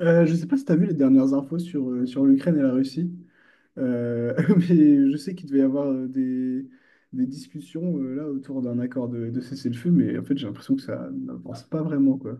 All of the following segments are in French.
Je ne sais pas si tu as vu les dernières infos sur, sur l'Ukraine et la Russie, euh, mais je sais qu'il devait y avoir des discussions là autour d'un accord de cessez-le-feu, mais en fait j'ai l'impression que ça n'avance pas vraiment quoi.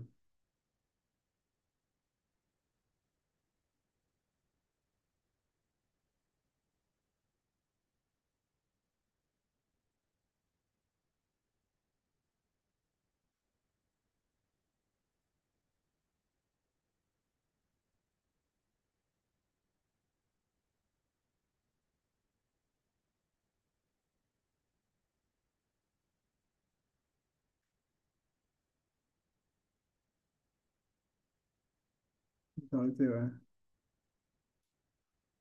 C'est arrêté, ouais.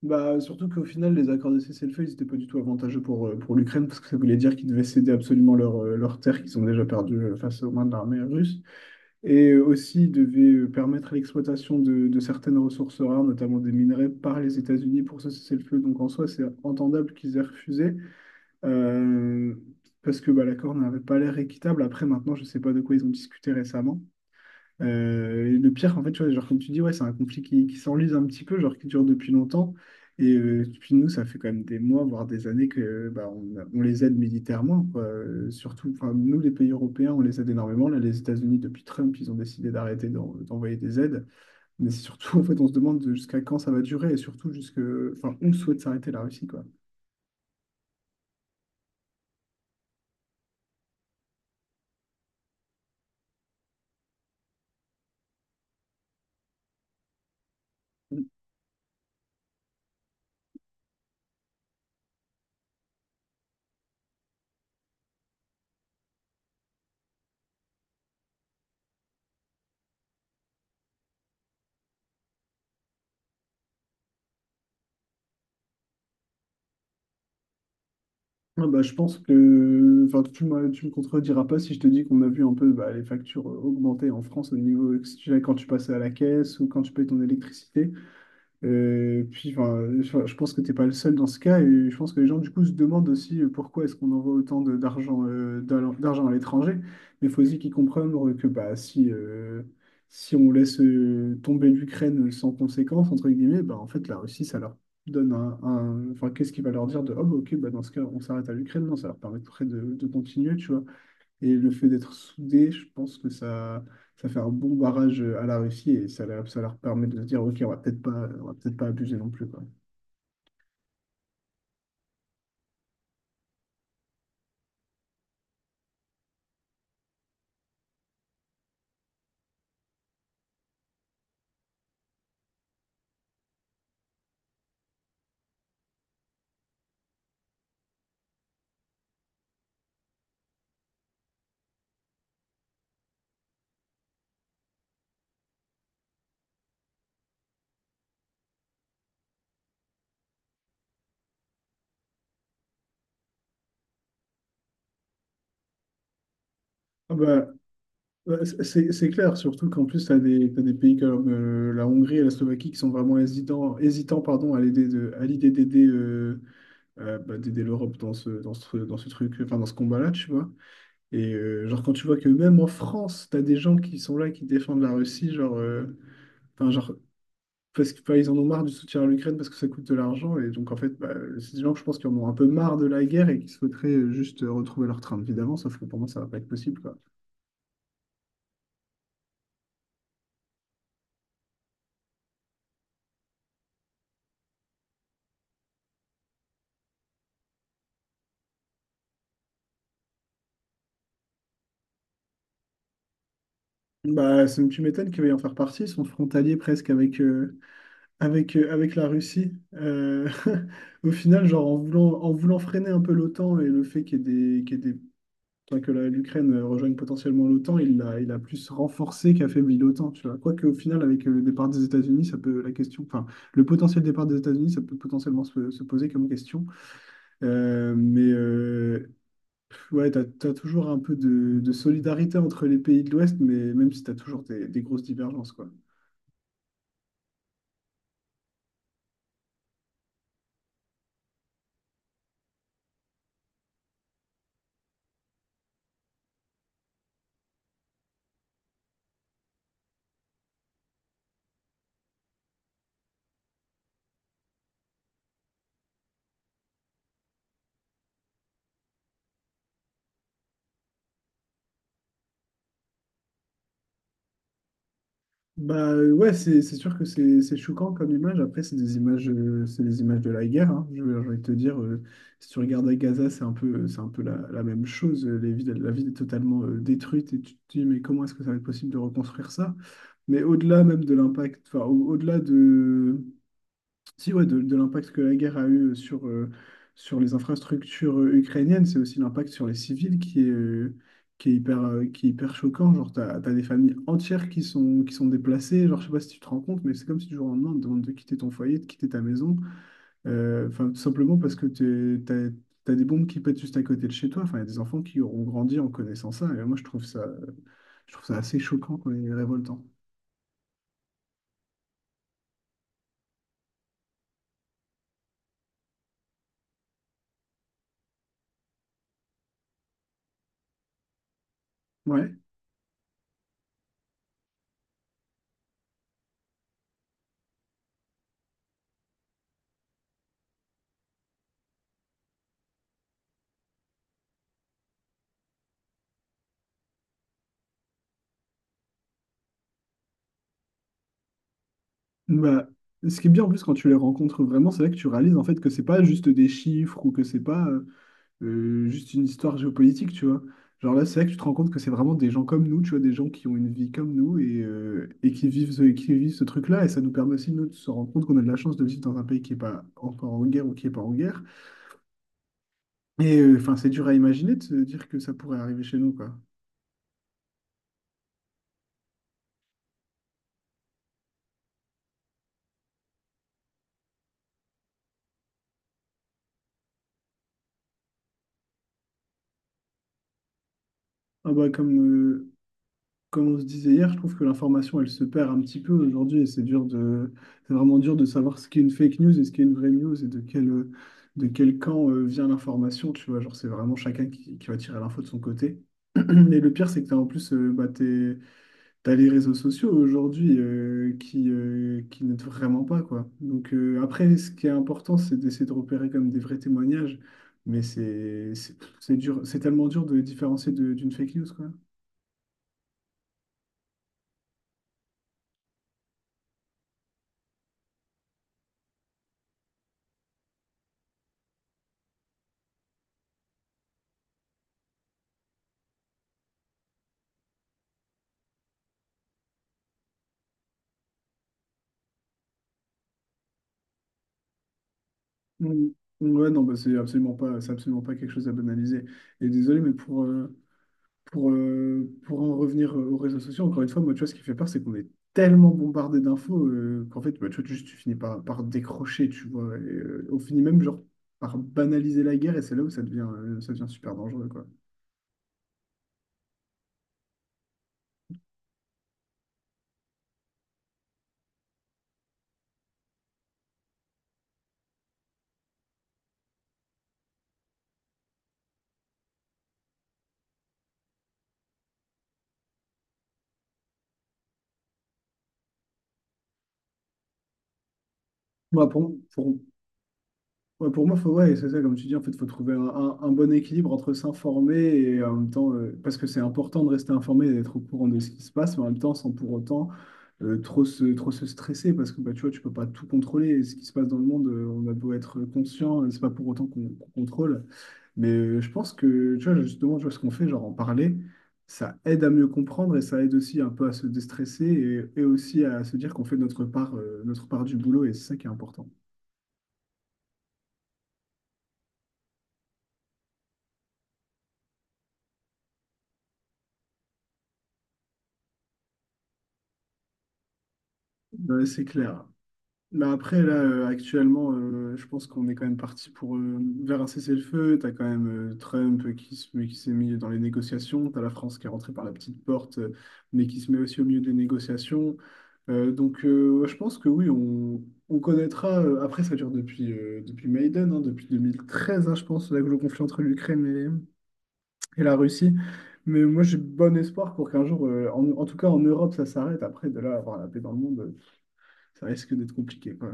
Bah, surtout qu'au final, les accords de cessez-le-feu, ils n'étaient pas du tout avantageux pour l'Ukraine, parce que ça voulait dire qu'ils devaient céder absolument leurs leurs terres qu'ils ont déjà perdues face aux mains de l'armée russe. Et aussi devait permettre l'exploitation de certaines ressources rares, notamment des minerais, par les États-Unis pour ça cesser le feu. Donc en soi, c'est entendable qu'ils aient refusé, euh, parce que bah, l'accord n'avait pas l'air équitable. Après, maintenant, je ne sais pas de quoi ils ont discuté récemment, et le pire, en fait, tu vois, genre, comme tu dis, ouais, c'est un conflit qui s'enlise un petit peu, genre qui dure depuis longtemps. Et depuis nous, ça fait quand même des mois, voire des années que bah, on les aide militairement, quoi. Surtout, enfin, nous, les pays européens, on les aide énormément. Là, les États-Unis, depuis Trump, ils ont décidé d'arrêter d'envoyer des aides. Mais c'est surtout, en fait, on se demande jusqu'à quand ça va durer et surtout jusque, enfin, on souhaite s'arrêter la Russie, quoi. Ouais, bah, je pense que enfin, tu me contrediras pas si je te dis qu'on a vu un peu bah, les factures augmenter en France au niveau, que ce soit quand tu passes à la caisse ou quand tu payes ton électricité. Puis, enfin, je pense que t'es pas le seul dans ce cas, et je pense que les gens, du coup, se demandent aussi pourquoi est-ce qu'on envoie autant d'argent à l'étranger. Mais il faut aussi qu'ils comprennent que bah, si on laisse tomber l'Ukraine sans conséquence, entre guillemets, bah, en fait, la Russie, ça leur donne enfin, qu'est-ce qui va leur dire de, oh, bah, ok, bah, dans ce cas, on s'arrête à l'Ukraine? Non, ça leur permettrait de continuer, tu vois. Et le fait d'être soudé, je pense que ça fait un bon barrage à la Russie et ça, ça leur permet de se dire, OK, on va peut-être pas, on va peut-être pas abuser non plus, quoi. Ah bah, C'est clair, surtout qu'en plus, t'as des pays comme la Hongrie et la Slovaquie qui sont vraiment hésitants pardon, à l'idée d'aider bah, d'aider l'Europe dans ce truc, enfin, dans ce combat-là, tu vois. Et genre, quand tu vois que même en France, tu as des gens qui sont là, qui défendent la Russie, genre parce que, enfin, ils en ont marre du soutien à l'Ukraine parce que ça coûte de l'argent. Et donc, en fait, bah, c'est des gens, que je pense, qui en ont un peu marre de la guerre et qui souhaiteraient juste retrouver leur train de vie d'avant, sauf que pour moi, ça va pas être possible, quoi. Bah, tu m'étonnes qu'il va y en faire partie, ils sont frontaliers presque avec, avec la Russie. Au final, genre en voulant freiner un peu l'OTAN et le fait qu'il y ait des, enfin, que l'Ukraine rejoigne potentiellement l'OTAN, il a plus renforcé qu'affaibli l'OTAN, tu vois. Quoique au final, avec le départ des États-Unis, ça peut la question, enfin, le potentiel départ des États-Unis, ça peut potentiellement se poser comme question. Euh, mais euh, Ouais, t'as toujours un peu de solidarité entre les pays de l'Ouest, mais même si t'as toujours des grosses divergences, quoi. Ouais, c'est sûr que c'est choquant comme image. Après, c'est des images de la guerre, hein. J'ai envie de te dire, si tu regardes à Gaza, c'est un peu la même chose. La ville est totalement détruite et tu te dis, mais comment est-ce que ça va être possible de reconstruire ça? Mais au-delà même de l'impact, enfin, au-delà de, si, ouais, de l'impact que la guerre a eu sur les infrastructures ukrainiennes, c'est aussi l'impact sur les civils qui est, qui est hyper choquant. Genre, t'as des familles entières qui sont déplacées. Genre, je sais pas si tu te rends compte, mais c'est comme si du jour au lendemain, on te demande de quitter ton foyer, de quitter ta maison. Enfin, tout simplement parce que t'as des bombes qui pètent juste à côté de chez toi. Enfin, il y a des enfants qui auront grandi en connaissant ça. Et moi, je trouve ça assez choquant quand même, et révoltant. Ouais. Bah, ce qui est bien en plus quand tu les rencontres vraiment, c'est là que tu réalises en fait que c'est pas juste des chiffres ou que c'est pas juste une histoire géopolitique, tu vois. Genre là, c'est là que tu te rends compte que c'est vraiment des gens comme nous, tu vois, des gens qui ont une vie comme nous et qui vivent qui vivent ce truc-là. Et ça nous permet aussi, nous, de se rendre compte qu'on a de la chance de vivre dans un pays qui est pas encore en guerre ou qui est pas en guerre. Et enfin, c'est dur à imaginer de se dire que ça pourrait arriver chez nous, quoi. Ah bah, comme, euh, Comme on se disait hier, je trouve que l'information, elle se perd un petit peu aujourd'hui et c'est dur de, c'est vraiment dur de savoir ce qu'est une fake news et ce qu'est une vraie news et de de quel camp vient l'information, tu vois. Genre, c'est vraiment chacun qui va tirer l'info de son côté. Et le pire, c'est que t'as en plus, t'as les réseaux sociaux aujourd'hui qui n'aident vraiment pas, quoi. Donc après, ce qui est important, c'est d'essayer de repérer comme des vrais témoignages, mais c'est dur, c'est tellement dur de différencier d'une fake news, quoi. Mm. Ouais, non, bah, c'est absolument pas quelque chose à banaliser. Et désolé, mais pour en revenir aux réseaux sociaux, encore une fois, moi, tu vois, ce qui fait peur, c'est qu'on est tellement bombardé d'infos qu'en fait, bah, tu vois, juste, tu finis par décrocher, tu vois. Et, on finit même, genre, par banaliser la guerre, et c'est là où ça devient super dangereux, quoi. Moi, pour, pour, Ouais, pour moi, faut, ouais, c'est ça, comme tu dis, en fait, faut trouver un bon équilibre entre s'informer et en même temps, parce que c'est important de rester informé et d'être au courant de ce qui se passe, mais en même temps, sans pour autant trop se stresser, parce que bah, tu vois, tu peux pas tout contrôler. Et ce qui se passe dans le monde, on a beau être conscient, c'est pas pour autant qu'on contrôle. Mais je pense que, tu vois, justement, tu vois, ce qu'on fait, genre en parler, ça aide à mieux comprendre et ça aide aussi un peu à se déstresser et aussi à se dire qu'on fait notre part du boulot, et c'est ça qui est important. Ouais, c'est clair. Mais après, actuellement, je pense qu'on est quand même parti pour, vers un cessez-le-feu. T'as quand même Trump qui s'est mis dans les négociations. T'as la France qui est rentrée par la petite porte, mais qui se met aussi au milieu des négociations. Ouais, je pense que oui, on connaîtra. Euh, après, ça dure depuis, depuis Maïdan, hein, depuis 2013, hein, je pense, là, le conflit entre l'Ukraine et la Russie. Mais moi, j'ai bon espoir pour qu'un jour, en tout cas en Europe, ça s'arrête. Après, de là, à avoir la paix dans le monde, ça risque d'être compliqué, quoi.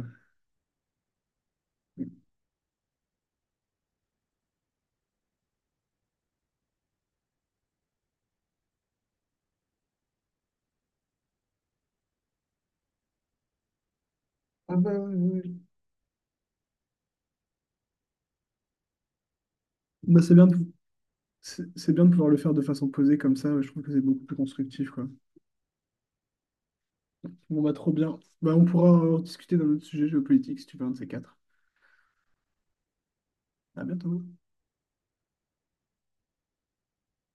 Ah bah, ouais. Ouais. Bah, c'est bien de, c'est bien de pouvoir le faire de façon posée comme ça, je trouve que c'est beaucoup plus constructif, quoi. Bon, bah, trop bien. Bah, on pourra en discuter d'un autre sujet géopolitique si tu veux un de ces quatre. À bientôt.